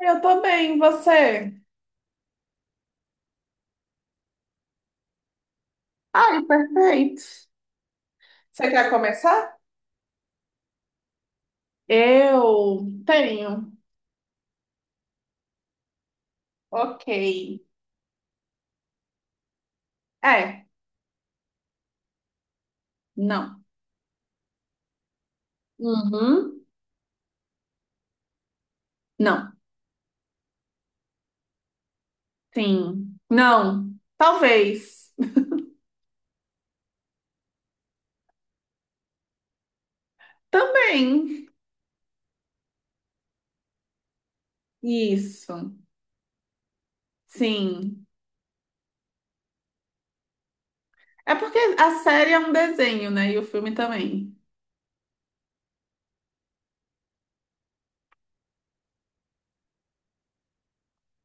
Eu também, você? Ai, perfeito. Você quer começar? Eu tenho. Ok. É, não. Uhum. Não. Sim. Não. Talvez. Também. Isso. Sim. É porque a série é um desenho, né? E o filme também.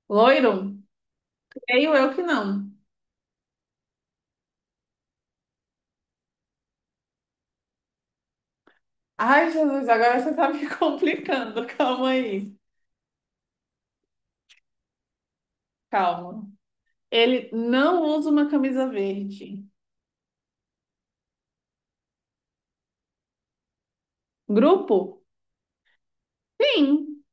Loiro? Creio eu que não. Ai, Jesus, agora você tá me complicando. Calma aí. Calma. Ele não usa uma camisa verde. Grupo? Sim,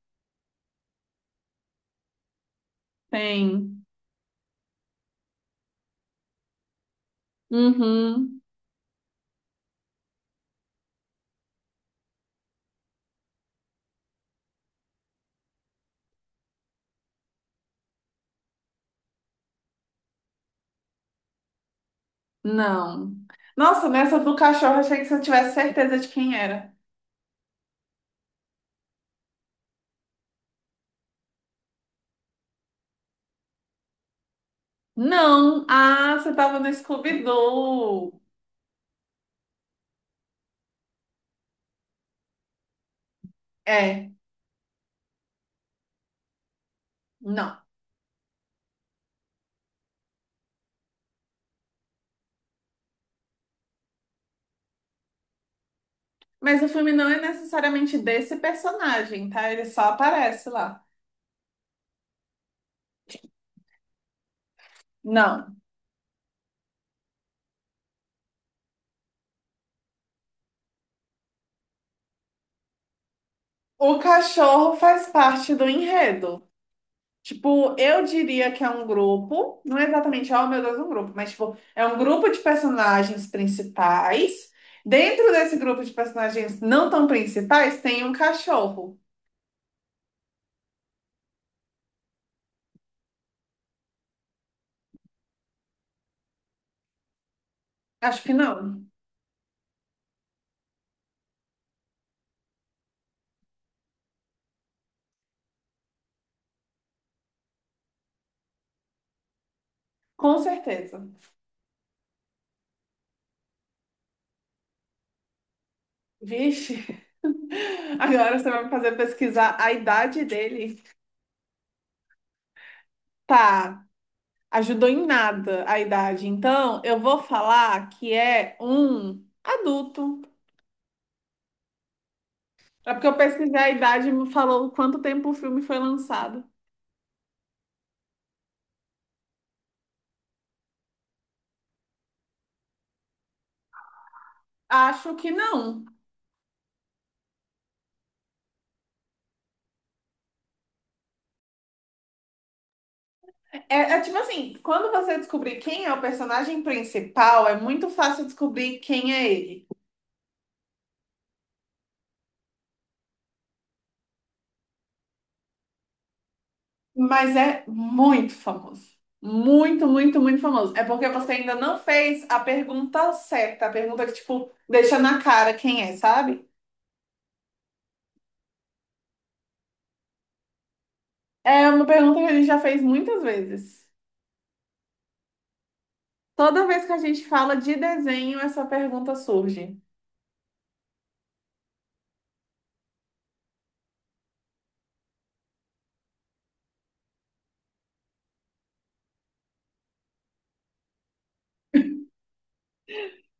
tem. Uhum. Não. Nossa, nessa do cachorro, achei que você tivesse certeza de quem era. Não. Ah, você tava no Scooby-Doo. É, não. Mas o filme não é necessariamente desse personagem, tá? Ele só aparece lá. Não. O cachorro faz parte do enredo. Tipo, eu diria que é um grupo, não é exatamente, oh meu Deus, um grupo, mas tipo, é um grupo de personagens principais. Dentro desse grupo de personagens não tão principais, tem um cachorro. Acho que não, com certeza. Vixe, agora você vai me fazer pesquisar a idade dele. Tá, ajudou em nada a idade. Então, eu vou falar que é um adulto. É porque eu pesquisei a idade e me falou quanto tempo o filme foi lançado. Acho que não. É, é tipo assim, quando você descobrir quem é o personagem principal, é muito fácil descobrir quem é ele. Mas é muito famoso. Muito, muito, muito famoso. É porque você ainda não fez a pergunta certa, a pergunta que, tipo, deixa na cara quem é, sabe? É uma pergunta que a gente já fez muitas vezes. Toda vez que a gente fala de desenho, essa pergunta surge.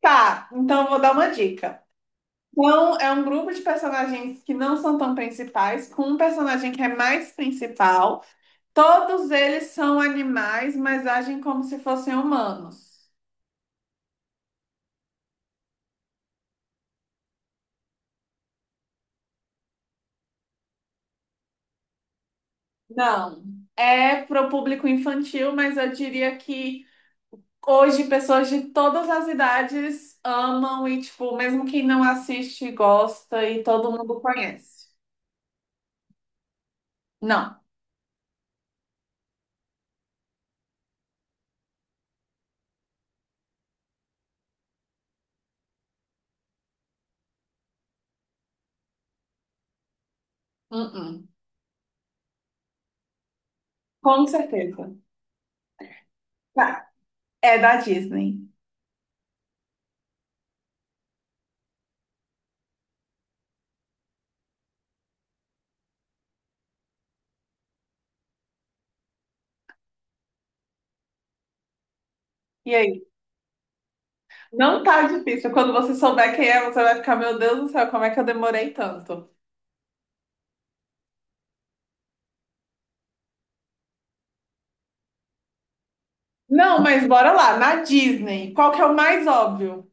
Tá, então eu vou dar uma dica. Então, é um grupo de personagens que não são tão principais, com um personagem que é mais principal. Todos eles são animais, mas agem como se fossem humanos. Não. É para o público infantil, mas eu diria que hoje pessoas de todas as idades amam e, tipo, mesmo quem não assiste, gosta e todo mundo conhece. Não. Uh-uh. Com certeza. Tá. É da Disney. E aí? Não tá difícil. Quando você souber quem é, você vai ficar, meu Deus do céu, como é que eu demorei tanto? Não, mas bora lá. Na Disney, qual que é o mais óbvio?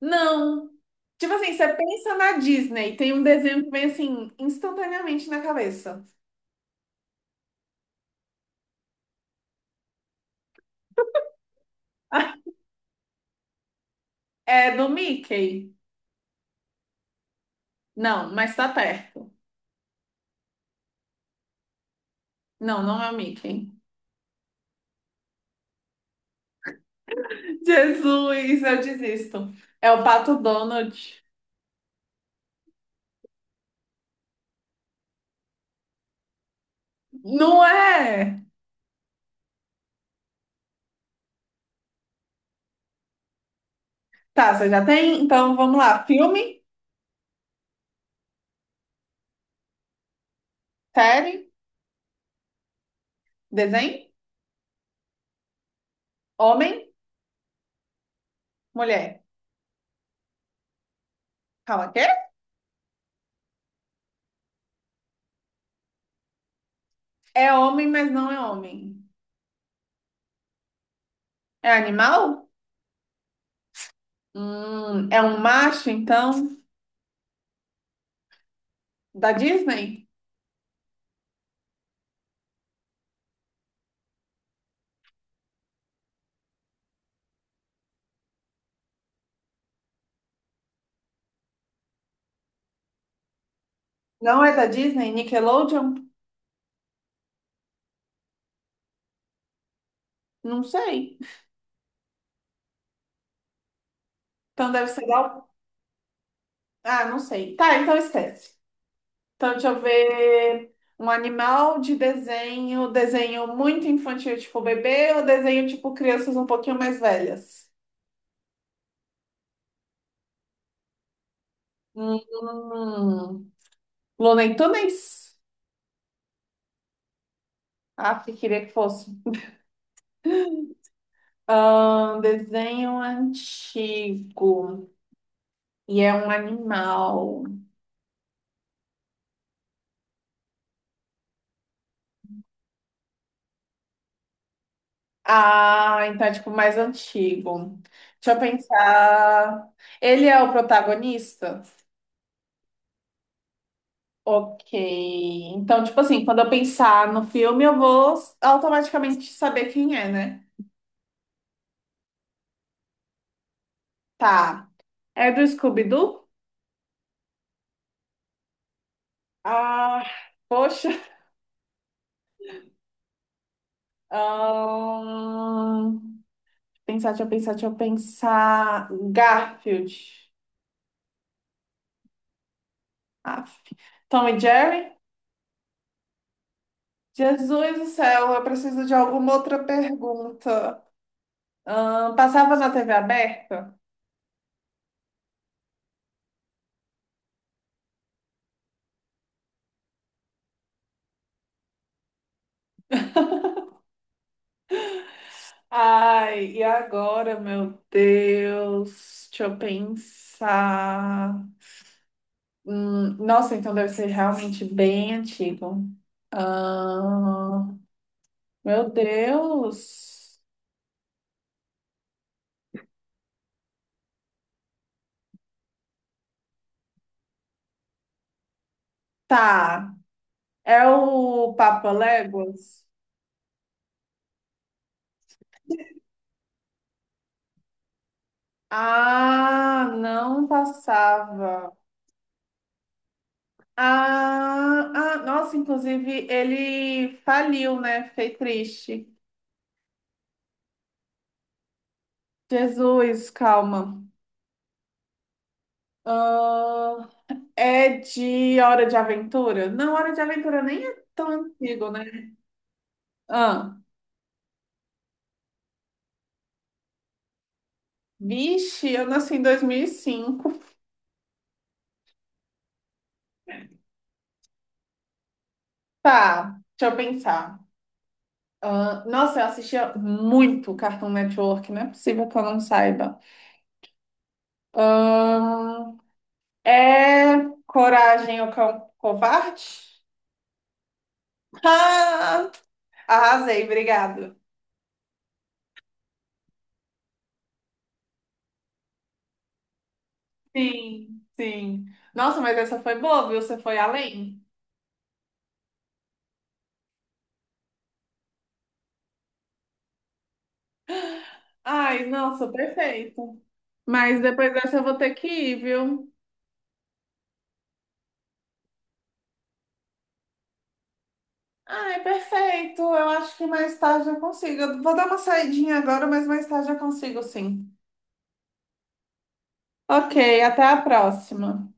Não. Tipo assim, você pensa na Disney, tem um desenho que vem assim, instantaneamente na cabeça. É do Mickey? Não, mas tá perto. Não, não é o Mickey. Jesus, eu desisto. É o Pato Donald. Não é? Tá, você já tem? Então vamos lá. Filme, série, desenho, homem. Mulher. Calma, quê? É homem, mas não é homem. É animal? É um macho, então? Da Disney? Não é da Disney? Nickelodeon? Não sei. Então deve ser da... Ah, não sei. Tá, então esquece. Então deixa eu ver. Um animal de desenho, desenho muito infantil, tipo bebê, ou desenho tipo crianças um pouquinho mais velhas? Hum, Looney Tunes? Ah, que queria que fosse. Desenho antigo. E é um animal. Ah, então é tipo mais antigo. Deixa eu pensar. Ele é o protagonista? Ok. Então, tipo assim, quando eu pensar no filme, eu vou automaticamente saber quem é, né? Tá. É do Scooby-Doo? Ah, poxa. Ahn, Pensar, deixa eu pensar. Garfield. Aff. Tom e Jerry? Jesus do céu, eu preciso de alguma outra pergunta. Passava na TV aberta? Ai, e agora, meu Deus? Deixa eu pensar. Nossa, então deve ser realmente bem antigo. Ahn, meu Deus. Tá. É o Papa Léguas? Ah, não passava. Ah, ah, nossa, inclusive ele faliu, né? Fiquei triste. Jesus, calma. Ah, é de Hora de Aventura? Não, Hora de Aventura nem é tão antigo, né? Ah, vixe, eu nasci em 2005. Tá, deixa eu pensar. Ah, nossa, eu assistia muito Cartoon Network, não é possível que eu não saiba. Ah, é Coragem, o Cão Covarde? Ah, arrasei, obrigado. Sim, sim. Nossa, mas essa foi boa, viu? Você foi além? Ai, nossa, perfeito. Mas depois dessa eu vou ter que ir, viu? Ai, perfeito. Eu acho que mais tarde eu consigo. Eu vou dar uma saidinha agora, mas mais tarde eu consigo, sim. Ok, até a próxima.